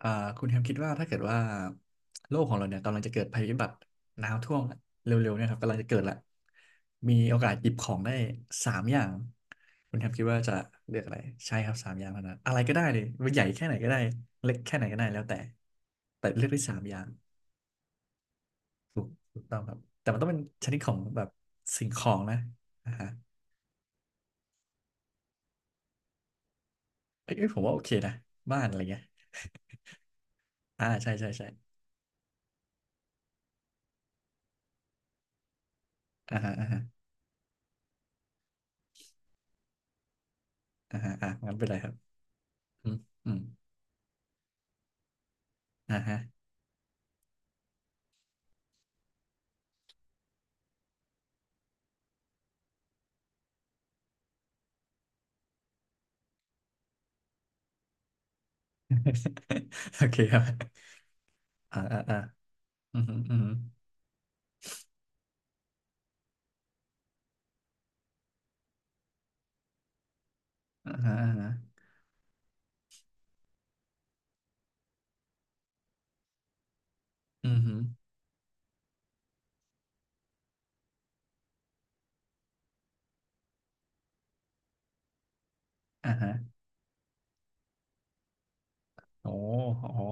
อ่าคุณแฮมคิดว่าถ้าเกิดว่าโลกของเราเนี่ยกำลังจะเกิดภัยพิบัติน้ำท่วมละเร็วๆเนี่ยครับกำลังจะเกิดละมีโอกาสหยิบของได้สามอย่างคุณแฮมคิดว่าจะเลือกอะไรใช่ครับสามอย่างเท่านั้นอะไรก็ได้เลยใหญ่แค่ไหนก็ได้เล็กแค่ไหนก็ได้แล้วแต่เลือกได้สามอย่างถูกต้องครับแต่มันต้องเป็นชนิดของแบบสิ่งของนะอ่าฮะเอ้ยผมว่าโอเคนะบ้านอะไรเงี้ย อ่าใช่ใช่ใช่อ่าฮะอ่าฮะอ่าฮะอ่ะงั้นไปเลยครับอืมอืมอ่าฮะ โอเคครับอ่าอ่าอ่าอืมอหืมออือหืออ่าฮะอืมอหืออ่าฮะโอ้โอ้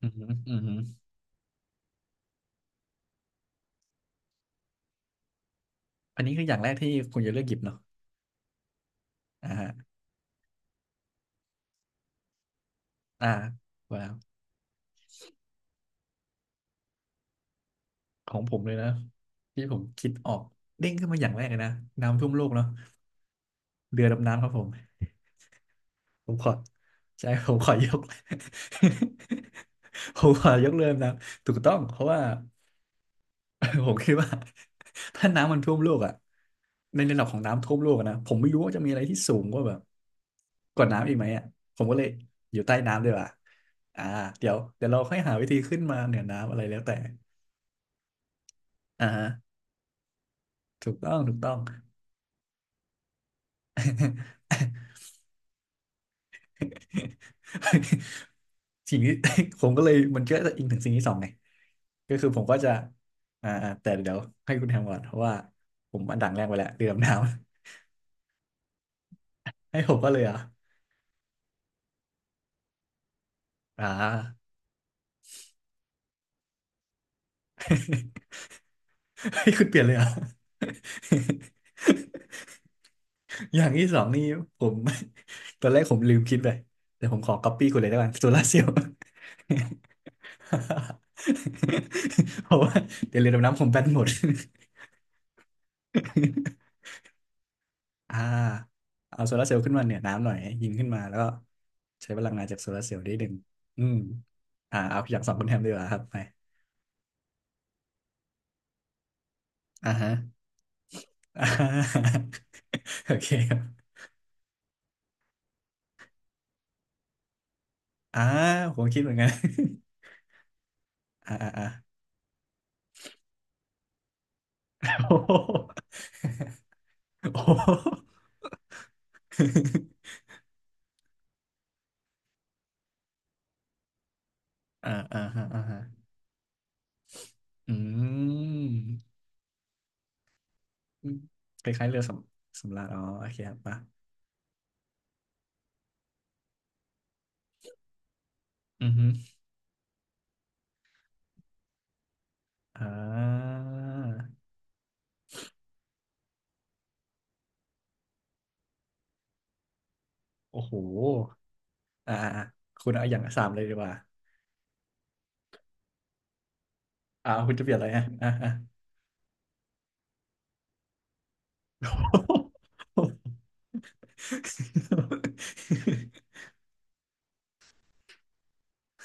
อืมอหืมออือหืออันนี้คืออย่างแรกที่คุณจะเลือกหยิบเนาะอ่าฮะอ่าว้าวของผมเลยนะที่ผมคิดออกเด้งขึ้นมาอย่างแรกเลยนะน้ำท่วมโลกเนาะเรือดำน้ำครับผมผมขอใช่ผมขอยก ผมขอยกเรือดำน้ำถูกต้องเพราะว่า ผมคิดว่า ถ้าน้ำมันท่วมโลกอ่ะ ในระดับของน้ำท่วมโลกอะนะผมไม่รู้ว่าจะมีอะไรที่สูงกว่าแบบกว่าน้ำอีกไหมอ่ะผมก็เลยอยู่ใต้น้ำดีกว่าอ่าเดี๋ยวเดี๋ยวเราค่อยหาวิธีขึ้นมาเหนือน้ำอะไรแล้วแต่อ่าฮะถูกต้องถูกต้อง สิ่งที่ ผมก็เลยมันก็จะอิงถึงสิ่งที่สองไงก็คือผมก็จะอ่าอ่าแต่เดี๋ยวให้คุณแฮมก่อนเพราะว่าผมอันดังแรกไปแล้วเรือดำน้ำให้ผมก็เลยเหรอ่ะอ่า ให้คุณเปลี่ยนเลยเหรอ่ะ อย่างที่สองนี่ผม ตอนแรกผมลืมคิดไปแต่ผมขอก๊อปปี้คุณเลยได้ไหมโซลาเซลล์ เพราะว่าเดี๋ยวเรือดำน้ำผมแบนหมด อ่าเอาโซลาร์เซลล์ขึ้นมาเหนือน้ำหน่อยให้ยิงขึ้นมาแล้วก็ใช้พลังงานจากโซลาร์เซลล์ได้หนึ่งอืมอ่าเอาอย่างสองคุณแฮมดีกว่าครับไปอ่าฮะ อ่าโอเคครับอ่าผมคิดเหมือนกัน อ่าอ่าอ่า โอ้โหโอ้โห อ่าอ่าฮะอ่าฮะอืมอืมคล้ายๆเรือสำราญอ๋อโอเคครับป่ะอือฮึอ่าโอ้โหอ่าอ่าอ่าคุณเอาอย่างสามเลยดีกว่าอ่าคุณจะเปลี่ยนอะไรอ่ะอ่าอ่า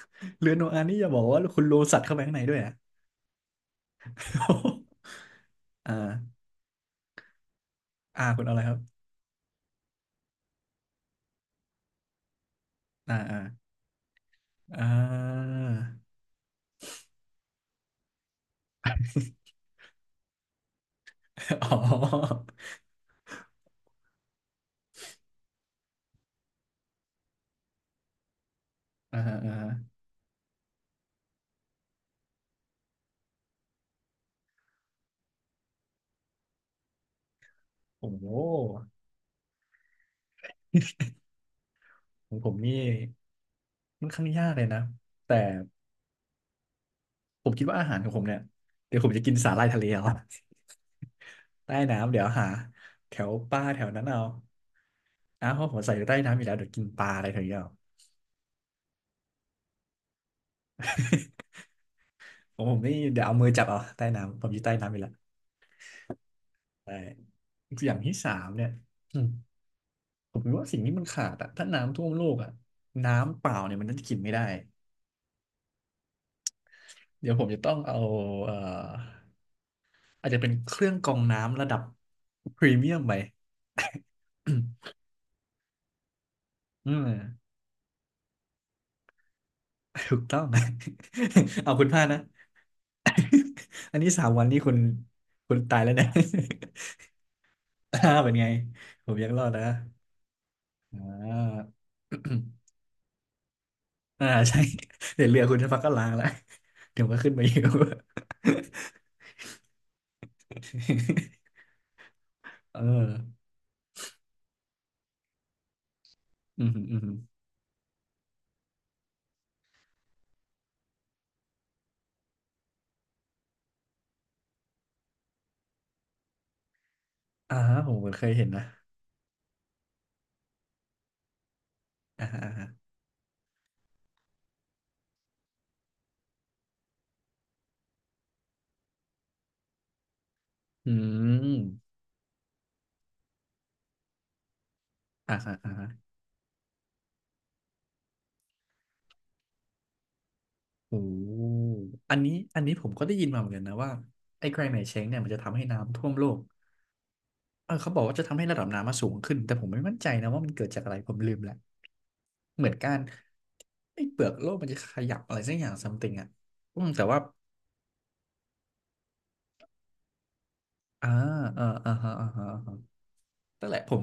เรือโนอาห์นี่อย่าบอกว่าคุณโลสัตว์เข้าไปข้างในด้วยอ่ะ อ่าอ่าคุณเอาอะไรครับอ่าอ่าอ่า อ๋ออ่าอ่าโอ้โห ของผมนี่มันค่อนข้างยากเลยนะแต่ผมคิดว่าอาหารของผมเนี่ยเดี๋ยวผมจะกินสาหร่ายทะเลเอา ใต้น้ำเดี๋ยวหาแถวป้าแถวนั้นเอาอ้าวเพราะผมใส่อยู่ใต้น้ำอยู่แล้วเดี๋ยวกินปลาอะไรแถวนี้เอา ผมนี่เดี๋ยวเอามือจับเอาใต้น้ำผมอยู่ใต้น้ำอยู่แล้วใช่อย่างที่สามเนี่ยอืมผมคิดว่าสิ่งที่มันขาดอะถ้าน้ำท่วมโลกอะน้ำเปล่าเนี่ยมันน่าจะกินไม่ได้เดี๋ยวผมจะต้องเอาเอ่ออาจจะเป็นเครื่องกรองน้ำระดับพรีเมียมไป อืม ถูกต้อง เอาคุณพลาดนะ อันนี้สามวันนี่คุณคุณตายแล้วเนะ อ่าเป็นไงผมยังรอดนะอ่า อ่าใช่ เดี๋ยวเรือคุณสักพักก็ล้างแล้ว เดี๋ยวก็ขึ้นมาอยู่ เอออืมอืมอ่าผมเหอเคยเห็นนะอ่าอ่าอืมอ่าอ่าอ่าะโอ้อันนี้ผมก็ได้ยินมาเหมือนกันนะว่าไอ้แกรนด์ไหนเช้งเนี่ยมันจะทำให้น้ำท่วมโลก เออเขาบอกว่าจะทำให้ระดับน้ำมาสูงขึ้นแต่ผมไม่มั่นใจนะว่ามันเกิดจากอะไรผมลืมแล้วเหมือนการไอ้เปลือกโลกมันจะขยับอะไรสักอย่าง something อ่ะอืมแต่ว่าอ่าอ่าอ่าฮะอ่าฮะอ่าฮะนั่นแหละผม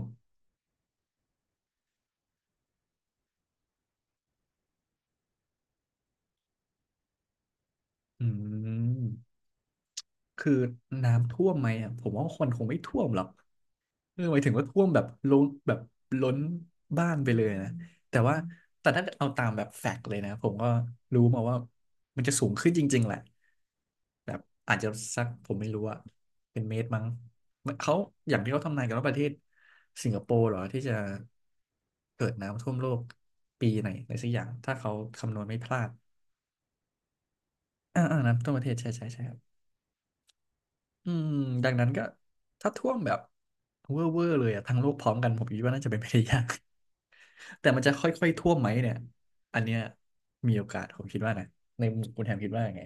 อืม คือน้ำท่วมไหมอ่ะผมว่าคนคงไม่ท่วมหรอกเออหมายถึงว่าท่วมแบบล้นแบบล้นบ้านไปเลยนะแต่ว่าถ้าเอาตามแบบแฟกต์เลยนะผมก็รู้มาว่ามันจะสูงขึ้นจริงๆแหละแบบอาจจะสักผมไม่รู้อะเป็นเมตรมั้งเขาอย่างที่เขาทำนายกันว่าประเทศสิงคโปร์เหรอที่จะเกิดน้ำท่วมโลกปีไหนอะไรสักอย่างถ้าเขาคำนวณไม่พลาดอ่าอ่าน้ำท่วมประเทศใช่ใช่ใช่ครับ อืมดังนั้นก็ถ้าท่วมแบบเวอร์เลยอะทั้งโลกพร้อมกันผมคิดว่าน่าจะเป็นไปได้ยาก แต่มันจะค่อยๆท่วมไหมเนี่ยอันเนี้ยมีโอกาสผมคิดว่านะในมุมคุณแฮมคิดว่าไง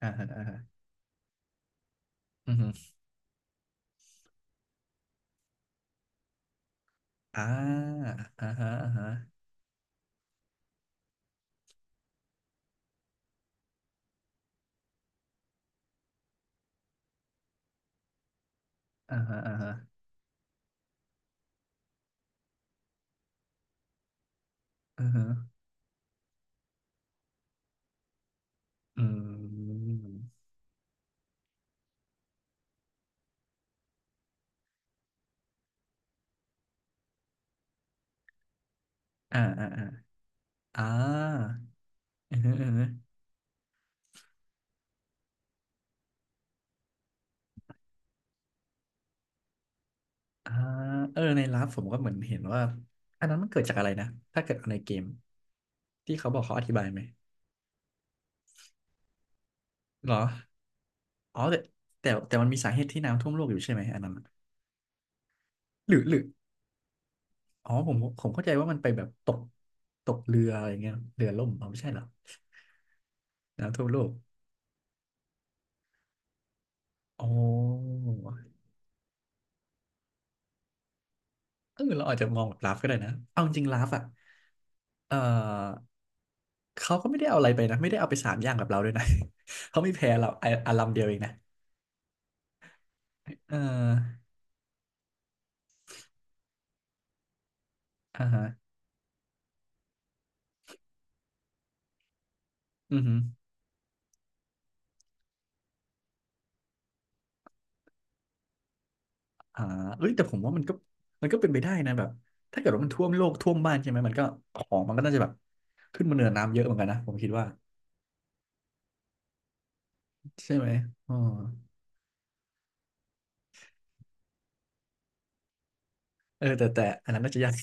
อ่าฮะอ่าฮะอือฮึอ่าอ่าฮะอ่าฮะอ่าฮะอ่าฮะอือฮึอืมอ่าอ่าอ่าอ่าอือฮึอือฮึอ่าเออในลับผมก็เหมือนเห็นว่าอันนั้นมันเกิดจากอะไรนะถ้าเกิดเอาในเกมที่เขาบอกเขาอธิบายไหมเหรอ อ๋อแต่แต่มันมีสาเหตุที่น้ำท่วมโลกอยู่ใช่ไหมอันนั้นอะหรืออ๋อผมเข้าใจว่ามันไปแบบตกเรืออะไรเงี้ยเรือล่มอ๋อไม่ใช่เหรอน้ำท่วมโลกอ๋อเออเราอาจจะมองแบบลาฟก็ได้นะเอาจริงลาฟอ่ะเออเขาก็ไม่ได้เอาอะไรไปนะไม่ได้เอาไปสามอย่างกับเราด้วยนะ เขามีแพ้เราอะอันลำเดียวเองนะเอออ่าฮะอือฮึอ่าเอ้ยแต่ผมว่ามันก็มันก็เป็นไปได้นะแบบถ้าเกิดว่ามันท่วมโลกท่วมบ้านใช่ไหมมันก็ของมันก็น่าจะแบบขึ้นมาเหนือน้ำเยอะเหมือนกันนะผมคิดว่า ใช่ไหมอ๋อเออแต่อันนั้นน่าจะยาก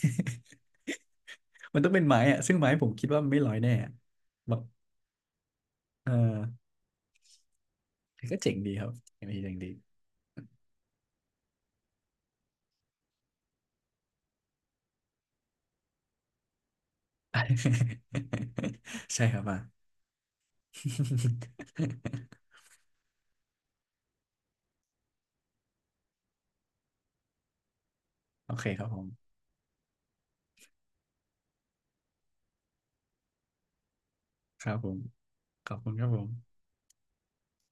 มันต้องเป็นไม้อะซึ่งไม้ผมคิดว่ามันไม่ลอยแน่อะแบบเออก็เจ๋งดีครับ เจ๋งดีใช่ครับอ่ะ โอเคครับผมครับผม ขอบคุณครับผม